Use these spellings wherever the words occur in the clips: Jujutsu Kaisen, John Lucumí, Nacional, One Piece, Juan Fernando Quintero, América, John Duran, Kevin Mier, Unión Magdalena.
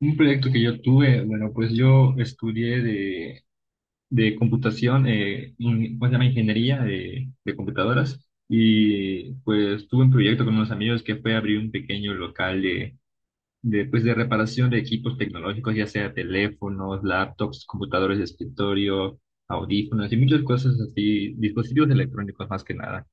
Un proyecto que yo tuve, bueno, pues yo estudié de computación, ¿cómo se llama? Ingeniería de computadoras. Y pues tuve un proyecto con unos amigos que fue abrir un pequeño local de reparación de equipos tecnológicos, ya sea teléfonos, laptops, computadores de escritorio, audífonos y muchas cosas así, dispositivos electrónicos más que nada.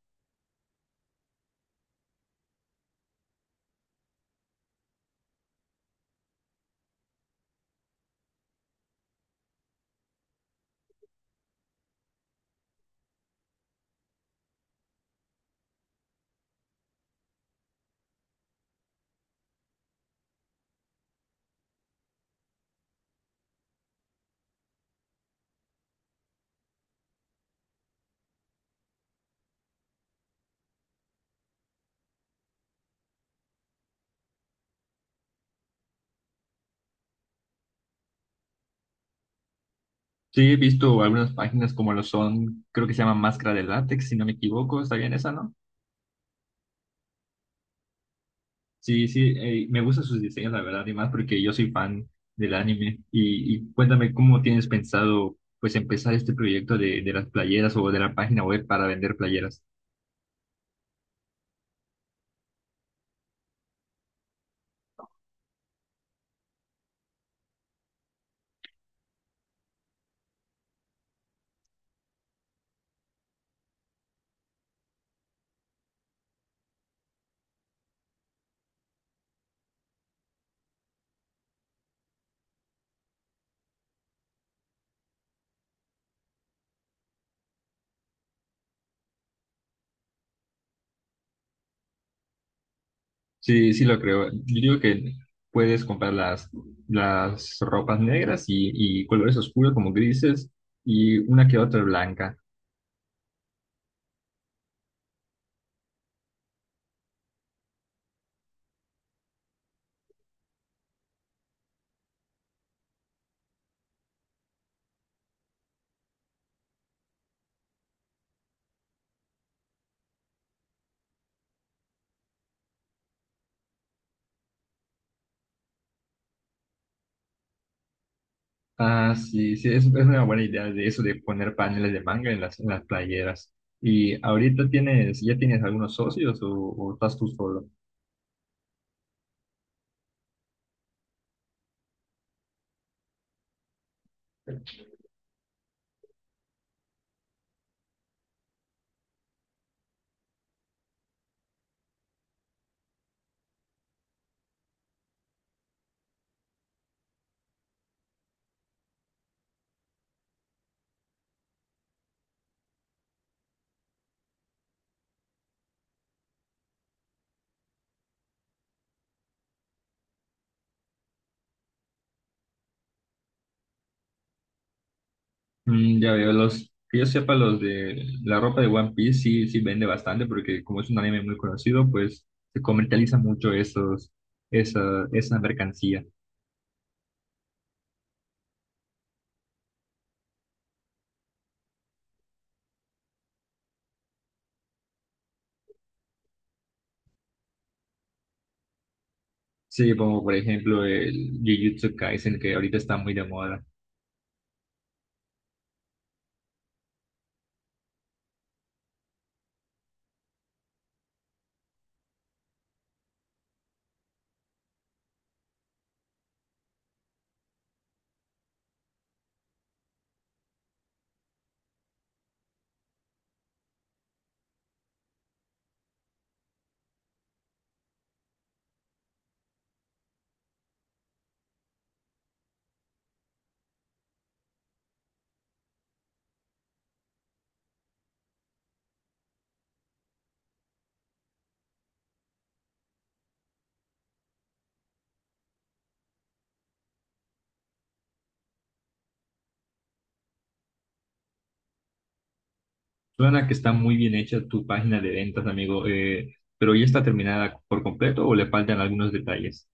Sí, he visto algunas páginas como lo son, creo que se llama Máscara de Látex, si no me equivoco, ¿está bien esa, no? Sí, sí, me gustan sus diseños, la verdad, y más porque yo soy fan del anime. Y cuéntame cómo tienes pensado, pues, empezar este proyecto de las playeras o de la página web para vender playeras. Sí, sí, lo creo. Yo digo que puedes comprar las ropas negras y colores oscuros como grises y una que otra blanca. Ah, sí, sí, es una buena idea de eso de poner paneles de manga en en las playeras. ¿Y ahorita ya tienes algunos socios o estás tú solo? Mm, ya veo, los, que yo sepa, los de la ropa de One Piece sí, sí vende bastante porque como es un anime muy conocido, pues se comercializa mucho esa, esa mercancía. Sí, como por ejemplo el Jujutsu Kaisen, que ahorita está muy de moda. Suena que está muy bien hecha tu página de ventas, amigo, pero ¿ya está terminada por completo o le faltan algunos detalles?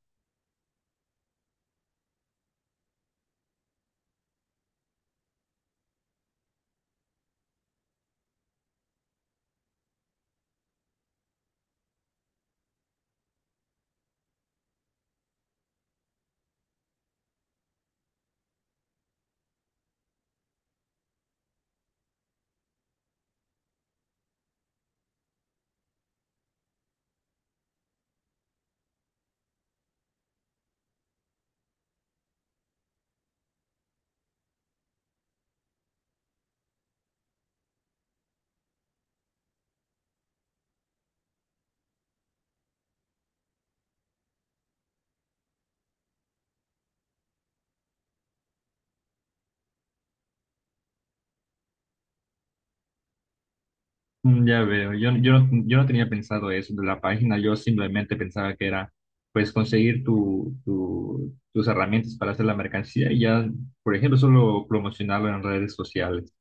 Mm, ya veo, no, yo no tenía pensado eso de la página, yo simplemente pensaba que era pues conseguir tus herramientas para hacer la mercancía y ya, por ejemplo, solo promocionarlo en redes sociales.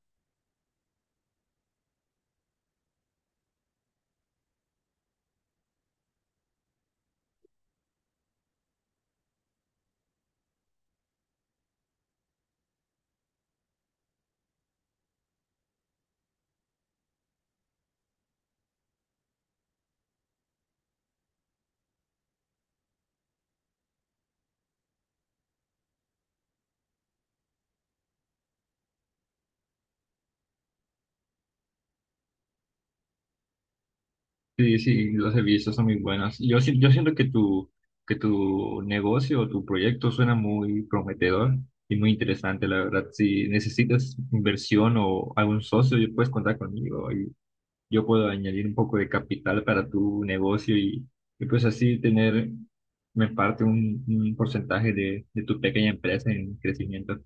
Sí, sí, los servicios son muy buenos. Yo, yo siento que que tu negocio o tu proyecto suena muy prometedor y muy interesante, la verdad. Si necesitas inversión o algún socio, puedes contar conmigo, yo puedo añadir un poco de capital para tu negocio y pues así tener, me parte un porcentaje de tu pequeña empresa en crecimiento.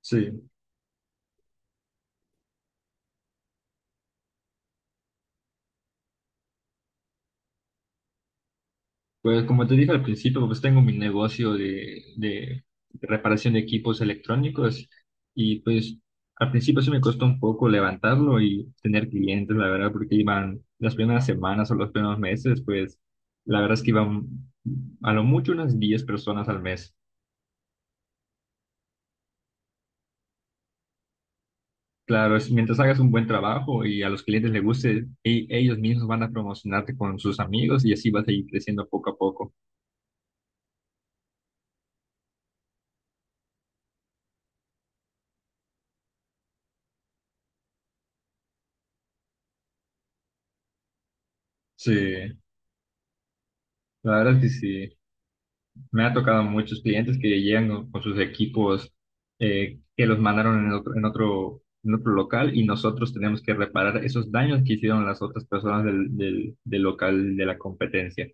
Sí, pues como te dije al principio, pues tengo mi negocio de reparación de equipos electrónicos y pues al principio sí me costó un poco levantarlo y tener clientes, la verdad, porque iban las primeras semanas o los primeros meses, pues la verdad es que iban a lo mucho unas 10 personas al mes. Claro, mientras hagas un buen trabajo y a los clientes les guste, ellos mismos van a promocionarte con sus amigos y así vas a ir creciendo poco a poco. Sí, la verdad es que sí. Me ha tocado muchos clientes que llegan con sus equipos que los mandaron en otro, en en otro local y nosotros tenemos que reparar esos daños que hicieron las otras personas del local de la competencia.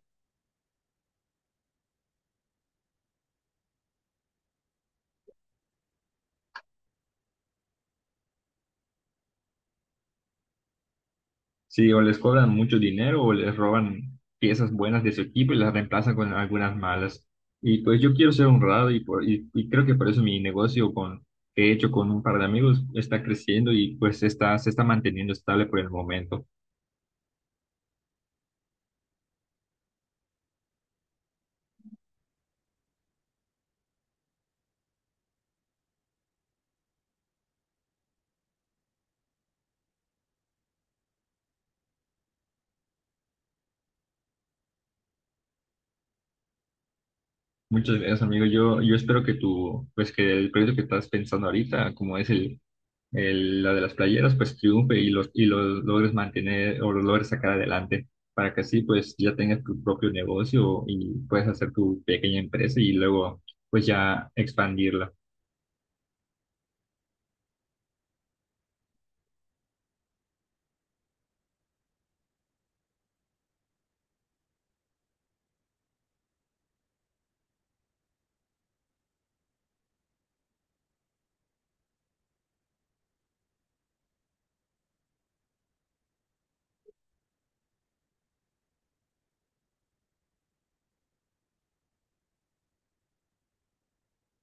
Sí, o les cobran mucho dinero o les roban piezas buenas de su equipo y las reemplazan con algunas malas. Y pues yo quiero ser honrado y creo que por eso mi negocio con, que he hecho con un par de amigos está creciendo y pues está, se está manteniendo estable por el momento. Muchas gracias, amigo. Yo espero que tu, pues que el proyecto que estás pensando ahorita, como es la de las playeras, pues triunfe y y los logres mantener o los logres sacar adelante para que así pues ya tengas tu propio negocio y puedes hacer tu pequeña empresa y luego pues ya expandirla.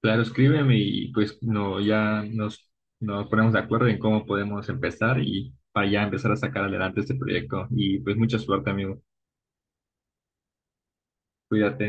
Claro, escríbeme y pues no, nos ponemos de acuerdo en cómo podemos empezar y para ya empezar a sacar adelante este proyecto. Y pues mucha suerte, amigo. Cuídate.